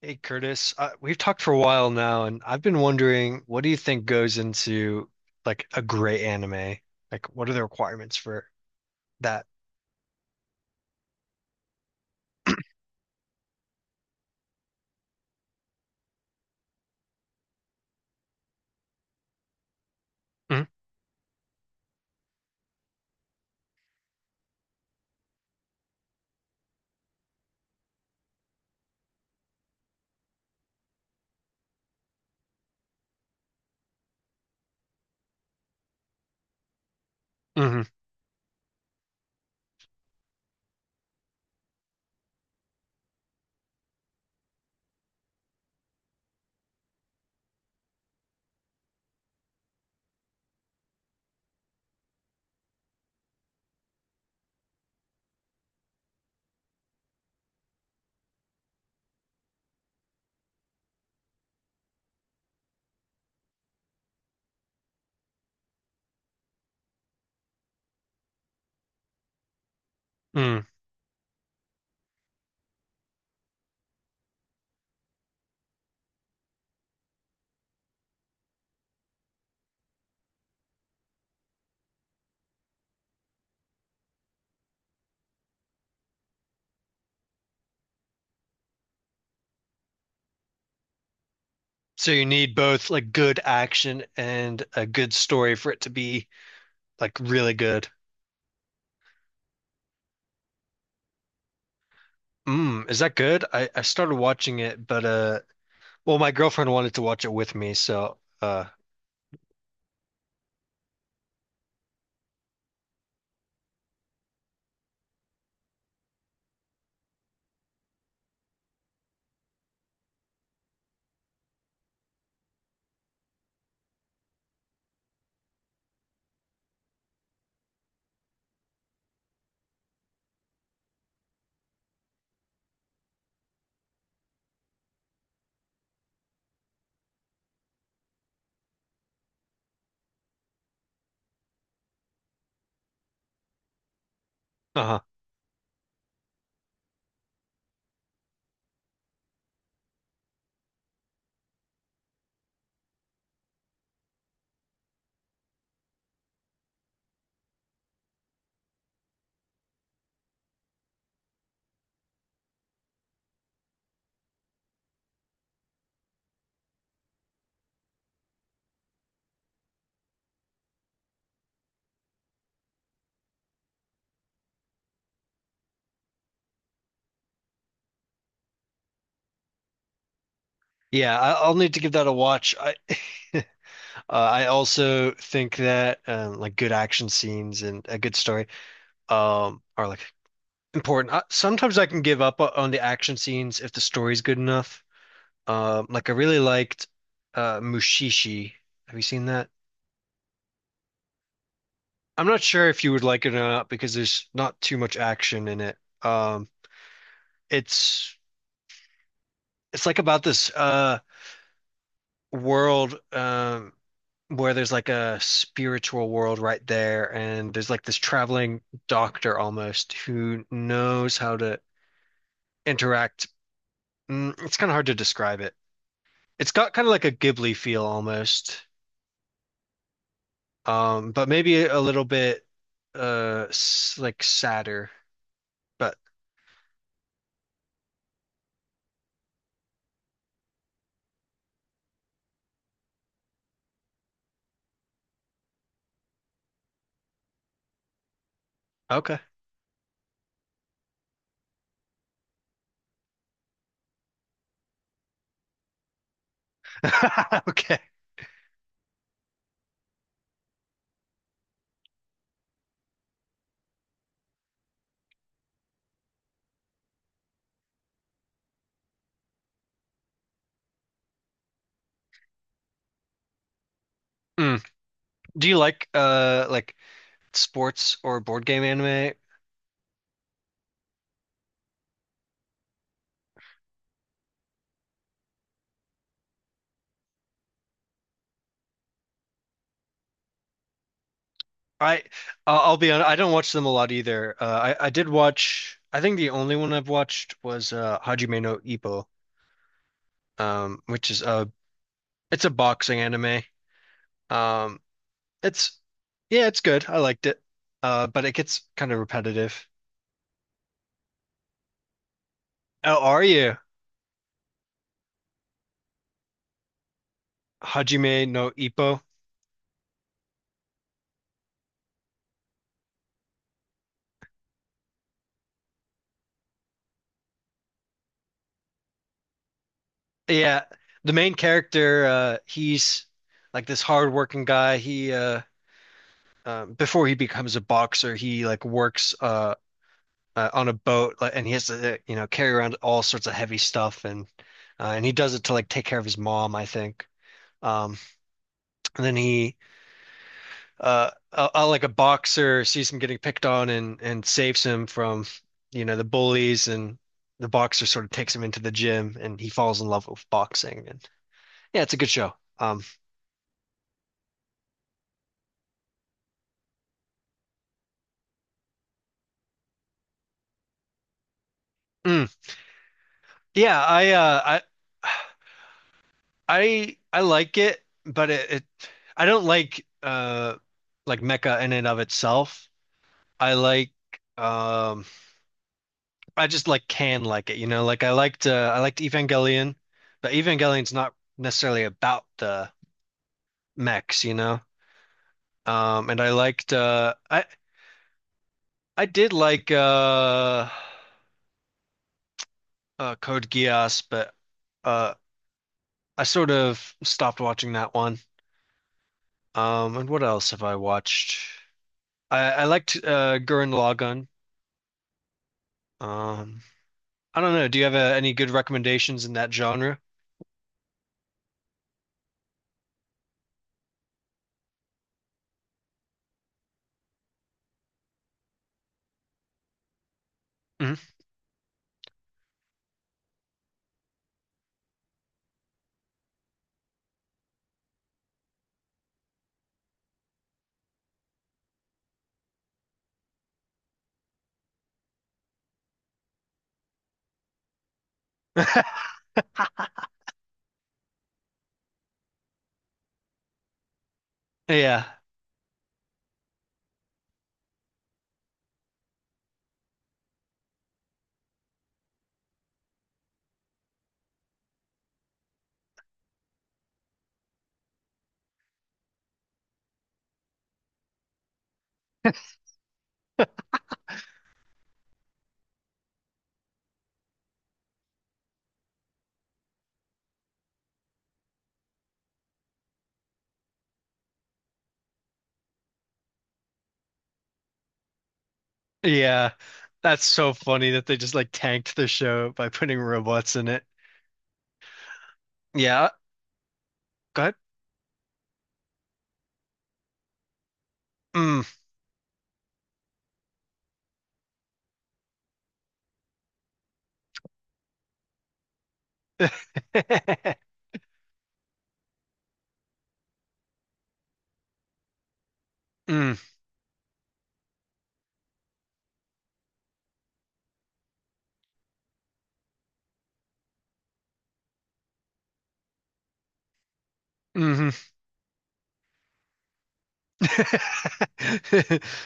Hey Curtis, we've talked for a while now, and I've been wondering, what do you think goes into like a great anime? Like, what are the requirements for that? Mm, mhm, mm. So you need both like good action and a good story for it to be like really good. Mm, is that good? I started watching it, but well, my girlfriend wanted to watch it with me, so uh-huh. Yeah, I'll need to give that a watch. I I also think that like good action scenes and a good story, are like important. Sometimes I can give up on the action scenes if the story's good enough. Like I really liked Mushishi. Have you seen that? I'm not sure if you would like it or not because there's not too much action in it. Um, it's it's like about this world, where there's like a spiritual world right there, and there's like this traveling doctor almost who knows how to interact. Mm, it's kind of hard to describe it. It's got kind of like a Ghibli feel almost, but maybe a little bit s like sadder. But okay, okay. Mm. Do you like sports or board game anime? I I'll I'll be honest, I don't watch them a lot either. I did watch. I think the only one I've watched was Hajime no Ippo, which is a it's a boxing anime. Um, it's yeah, it's good. I liked it. But it gets kind of repetitive. Oh, are you? Hajime no Ippo. Yeah, the main character, he's like this hardworking guy. He before he becomes a boxer, he like works on a boat, like, and he has to you know, carry around all sorts of heavy stuff, and he does it to like take care of his mom, I think. Um, and then he like a boxer sees him getting picked on and saves him from, you know, the bullies, and the boxer sort of takes him into the gym and he falls in love with boxing, and yeah, it's a good show. Um, mm. Yeah, I I I like it, but it I don't like mecha in and of itself. I like um I just like can like it, you know, like I liked Evangelion, but Evangelion's not necessarily about the mechs, you know. And I liked I did like Code Geass, but uh I sort of stopped watching that one. And what else have I watched? I liked Gurren Lagann. Um I don't know, do you have any good recommendations in that genre? Mhm. Yeah. Yeah. That's so funny that they just like tanked the show by putting robots in it. Yeah. Go ahead. Mm. Mm. Mhm.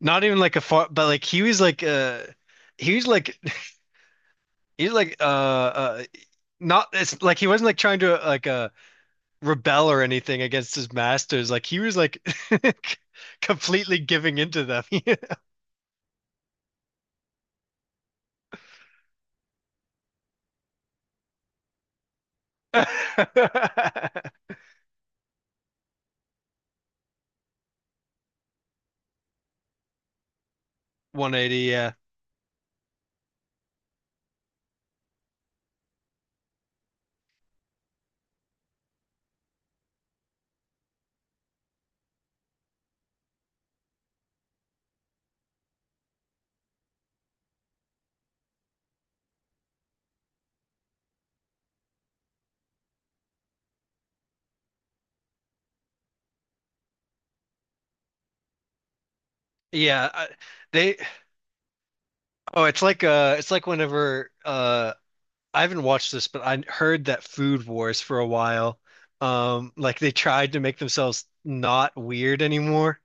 Not even like a far, but like he was like he was like he was like not it's like he wasn't like trying to like rebel or anything against his masters, like he was like completely giving into them 180. Yeah, yeah, they oh it's like whenever I haven't watched this, but I heard that Food Wars for a while. Like they tried to make themselves not weird anymore,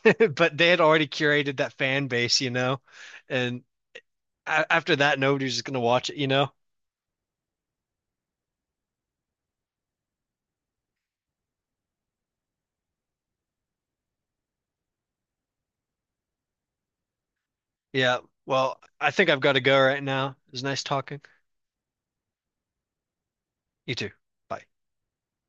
but they had already curated that fan base, you know. And a after that, nobody's just gonna watch it, you know. Yeah. Well, I think I've got to go right now. It was nice talking. You too. Bye.